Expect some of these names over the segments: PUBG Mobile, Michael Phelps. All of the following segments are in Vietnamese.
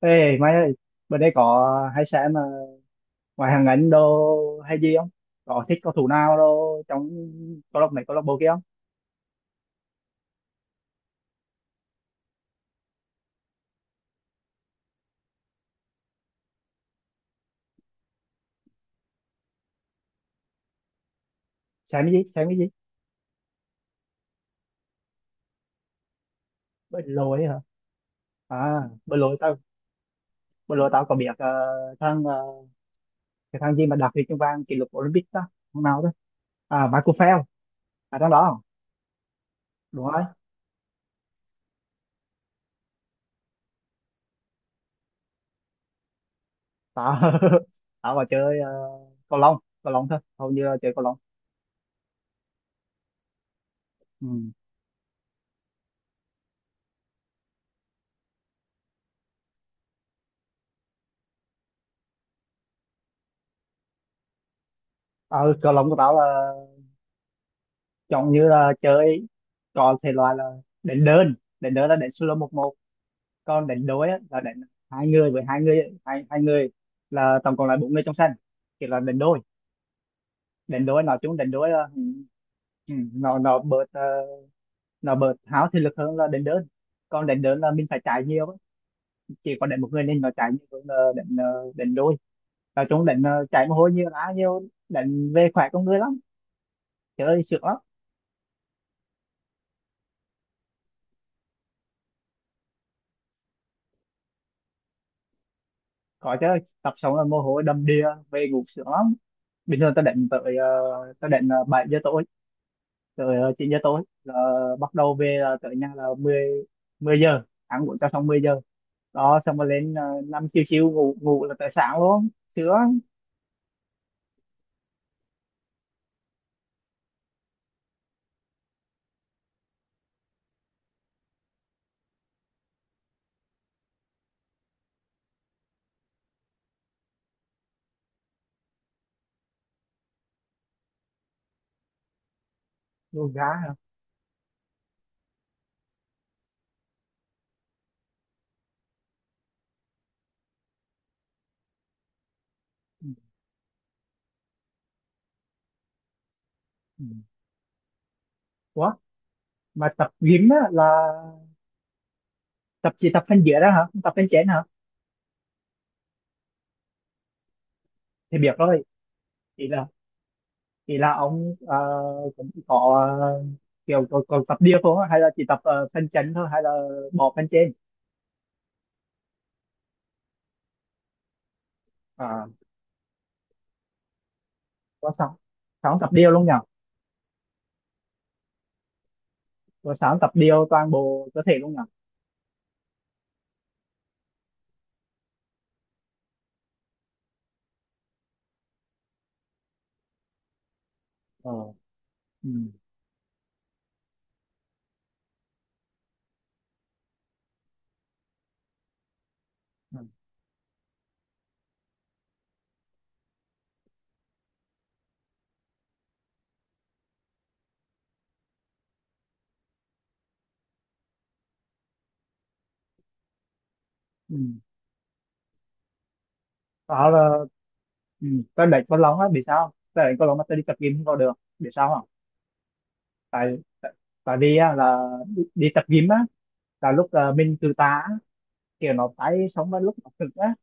Ê mày ơi, bên đây có hay xem mà ngoài hàng ảnh đồ hay gì không? Có thích cầu thủ nào đâu trong câu lạc này câu lạc bộ kia không? Xem cái gì? Xem cái gì? Bên lối hả? À, bên lối tao có biết thằng cái thằng gì mà đạt huy chương vàng kỷ lục Olympic đó, thằng nào đó. À, Michael Phelps, à thằng đó, không? Đúng rồi. Tao tao vào chơi cầu lông, cầu lông thôi, hầu như là chơi cầu lông. Ừ. Ờ, cầu lông của tao là chọn như là chơi, còn thể loại là đánh đơn. Đánh đơn là đánh solo một một, còn đánh đối á, là đánh hai người với hai người, hai hai người, là tổng cộng là bốn người trong sân, kiểu là đánh đôi. Đánh đôi nói chung đánh đôi là nó bớt nó bớt háo thể lực hơn là đánh đơn, còn đánh đơn là mình phải chạy nhiều á. Chỉ có đánh một người nên nó chạy nhiều hơn là đánh đánh đôi. Nói chung đánh chạy mồ hôi nhiều lá nhiều, đánh về khỏe con người lắm, chơi sướng lắm. Có chứ, tập xong là mồ hôi đầm đìa, về ngủ sướng lắm. Bình thường ta định tới ta định 7 giờ tối tới 9 giờ tối là bắt đầu về, là tới nhà là 10 10 giờ, ăn uống cho xong 10 giờ đó, xong rồi lên 5 chiều chiều ngủ, ngủ là tới sáng luôn, sướng. Luôn gá hả? Ừ, ừ. Ủa mà tập gym á là tập, chỉ tập thân dưới đó hả, không tập thân trên hả? Thì biết rồi, thì là thì là ông cũng có kiểu có tập điều không á? Hay là chỉ tập phần chấn thôi, hay là bỏ phần trên? À, có sáu, sáu tập điều luôn nhỉ? Có sáu tập điều toàn bộ cơ thể luôn nhỉ? Ờ. Ừ. Ừ. Ừ. Đó là ừ. Tôi đánh con lóng á, vì sao tôi đánh con lóng mà tôi đi tập gym không có được, vì sao không? Tại tại tại vì á, là đi, đi tập gym á là lúc mình từ tá, kiểu nó tay xong rồi lúc nó cực á,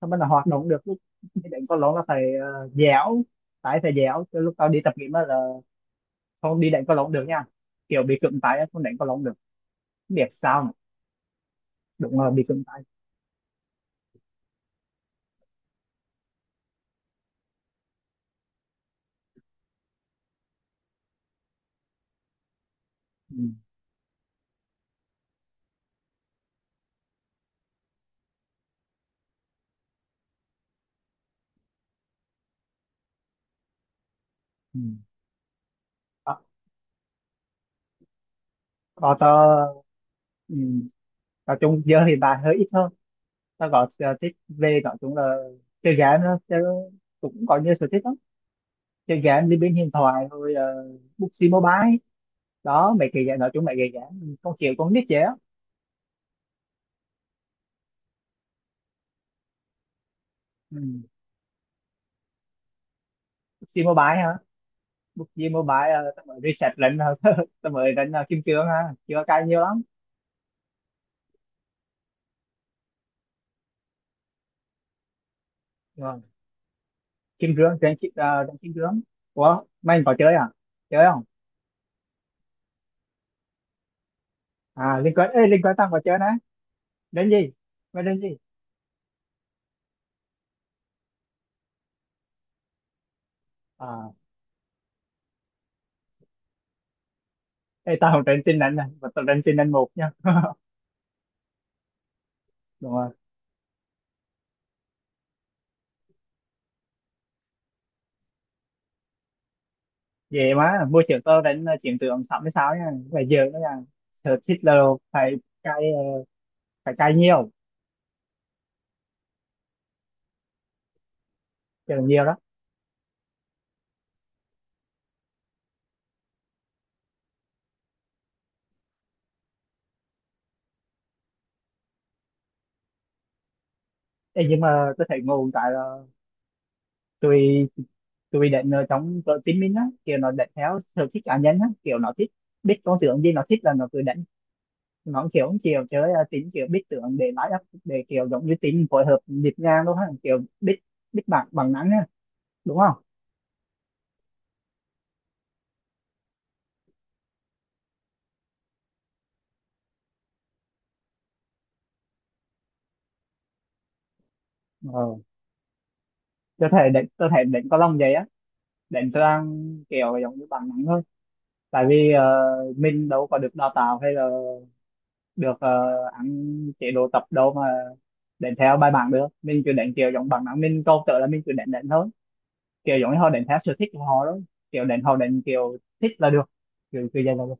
xong rồi nó hoạt động được lúc đi đánh cầu lông là phải dẻo, tay phải dẻo, chứ lúc tao đi tập gym á là không đi đánh cầu lông được nha, kiểu bị cứng tay á, không đánh cầu lông được. Không biết sao nữa. Đúng là bị cứng tay. Ừ. Ừ. Đó, còn tao ừ, nói chung giờ hiện tại hơi ít hơn. Tao có sở thích về nói chung là chơi game đó chứ, cũng có nhiều sở thích lắm. Chơi game đi, bên điện thoại rồi bút mobile. Đó mấy cái game, nói chung mấy cái game không chịu con nít vậy á. Ừ. PUBG Mobile hả? PUBG Mobile tao mới reset lệnh tao mới đánh kim cương ha, chưa cài nhiều lắm. Nhưng kim cương trên chip trên kim cương. Ủa, mày có chơi à? Chơi không? À liên quan, ê liên quan tao có chơi đấy. Đến gì? Mày đến gì? À ê, tao không đánh tin đánh này, mà tao đánh tin đánh một nha. Đúng rồi. Về má mua chiều tao đánh chiến tượng 66 nha. Bây giờ nó là sở thích, là phải cài phải cài nhiều, chơi nhiều đó. Ê, nhưng mà tôi thấy ngu một cái là tụi tôi định ở trong cỡ tin mình á, kiểu nó định theo sở thích cá nhân á, kiểu nó thích biết con tưởng gì, nó thích là nó cứ định, nó kiểu không chiều chơi tính kiểu biết tưởng để lái up, để kiểu giống như tính phối hợp nhịp nhàng luôn á, kiểu biết biết bằng bằng nắng á, đúng không? Ờ, tôi thể định có lòng vậy á, định tôi đang kiểu giống như bằng nắng thôi, tại vì mình đâu có được đào tạo hay là được ăn chế độ tập đâu mà định theo bài bản được, mình cứ định kiểu giống bằng nắng, mình câu tự là mình cứ định định thôi, kiểu giống như họ đánh theo sở thích của họ đó, kiểu đánh họ đánh kiểu thích là được, kiểu kiểu vậy là được.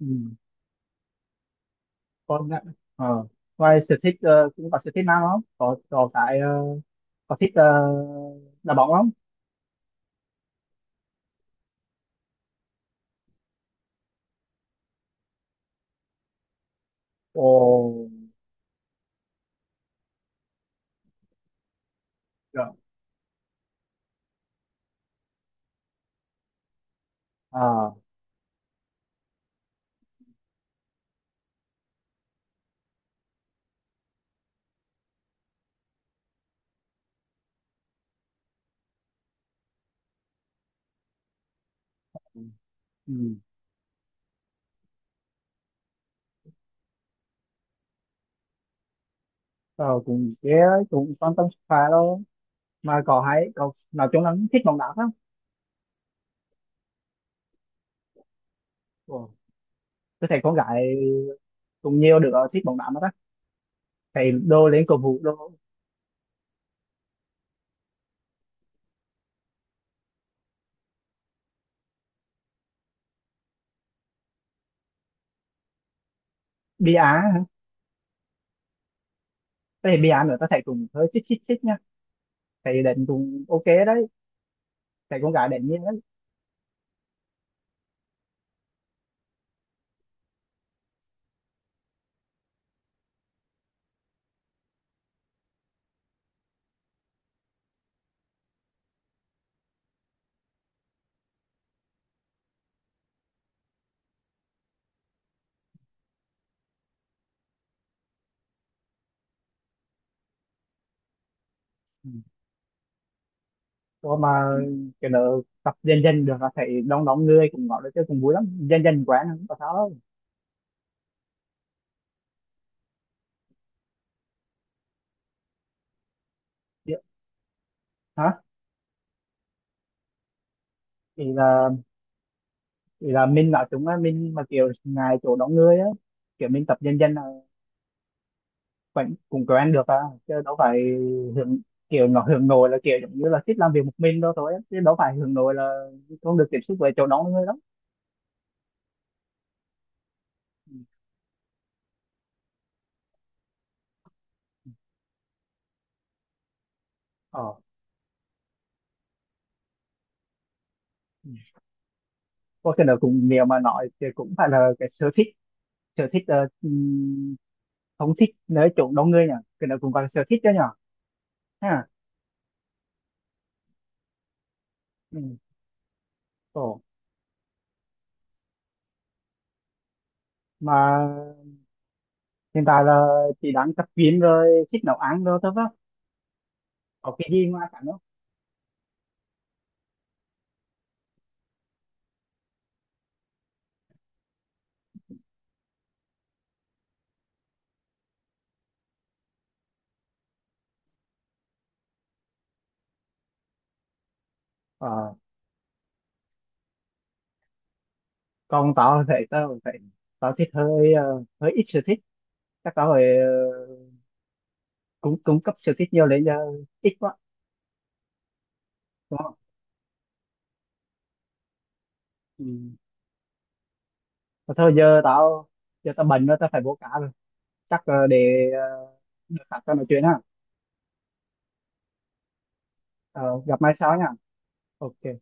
Ừ. Còn lại- ờ, ngoài sở thích cũng có sở thích nào không, có có thích đá bóng không? Ồ, rồi. À, ừ. Ờ, cũng cái cũng quan tâm sức khỏe đâu, mà có hay có nói chung là cũng thích bóng đá không? Ồ. Tôi thấy con gái cũng nhiều đứa thích bóng đá mà, ta thấy đô lên cầu vũ đô. Bia á? Hả? Thế bia nữa ta thấy cũng hơi thích thích thích nha, thì định cũng ok đấy, thì cũng cả định như đấy. Ừ. Còn mà kiểu nữa, tập dần dần được là thầy đông đông người cũng gọi là chơi cũng vui lắm, dần dần quen không có sao đâu. Chứ- hả? Thì là thì là mình nói chúng là mình mà kiểu ngày chỗ đông người á, kiểu mình tập dần dần là vẫn cũng quen được à, chứ đâu phải hưởng, kiểu nó hưởng nội là kiểu giống như là thích làm việc một mình đâu thôi á. Chứ đâu phải hưởng nội là không được tiếp xúc với chỗ đông người lắm. Ừ. Ờ. Ừ. Có cái nào cũng nếu mà nói thì cũng phải là cái sở thích, sở thích không thích nơi chỗ đông người nhỉ, cái đó cũng gọi là sở thích đó nhỉ, ha? Ừ. Ồ. Mà hiện tại là chị đang tập gym rồi, thích nấu ăn rồi thôi đó, có cái gì ngoài cảnh không? Ờ. Còn tao thì tao cũng phải, tao thích hơi hơi ít sở thích, chắc tao phải cũng cũng cấp sở thích nhiều lên, giờ ít quá, đúng không? Ừ. Mà thôi giờ tao, giờ tao bệnh rồi, tao phải bố cá rồi, chắc để được sẵn tao nói chuyện ha, ờ, gặp mai sau nha, ok.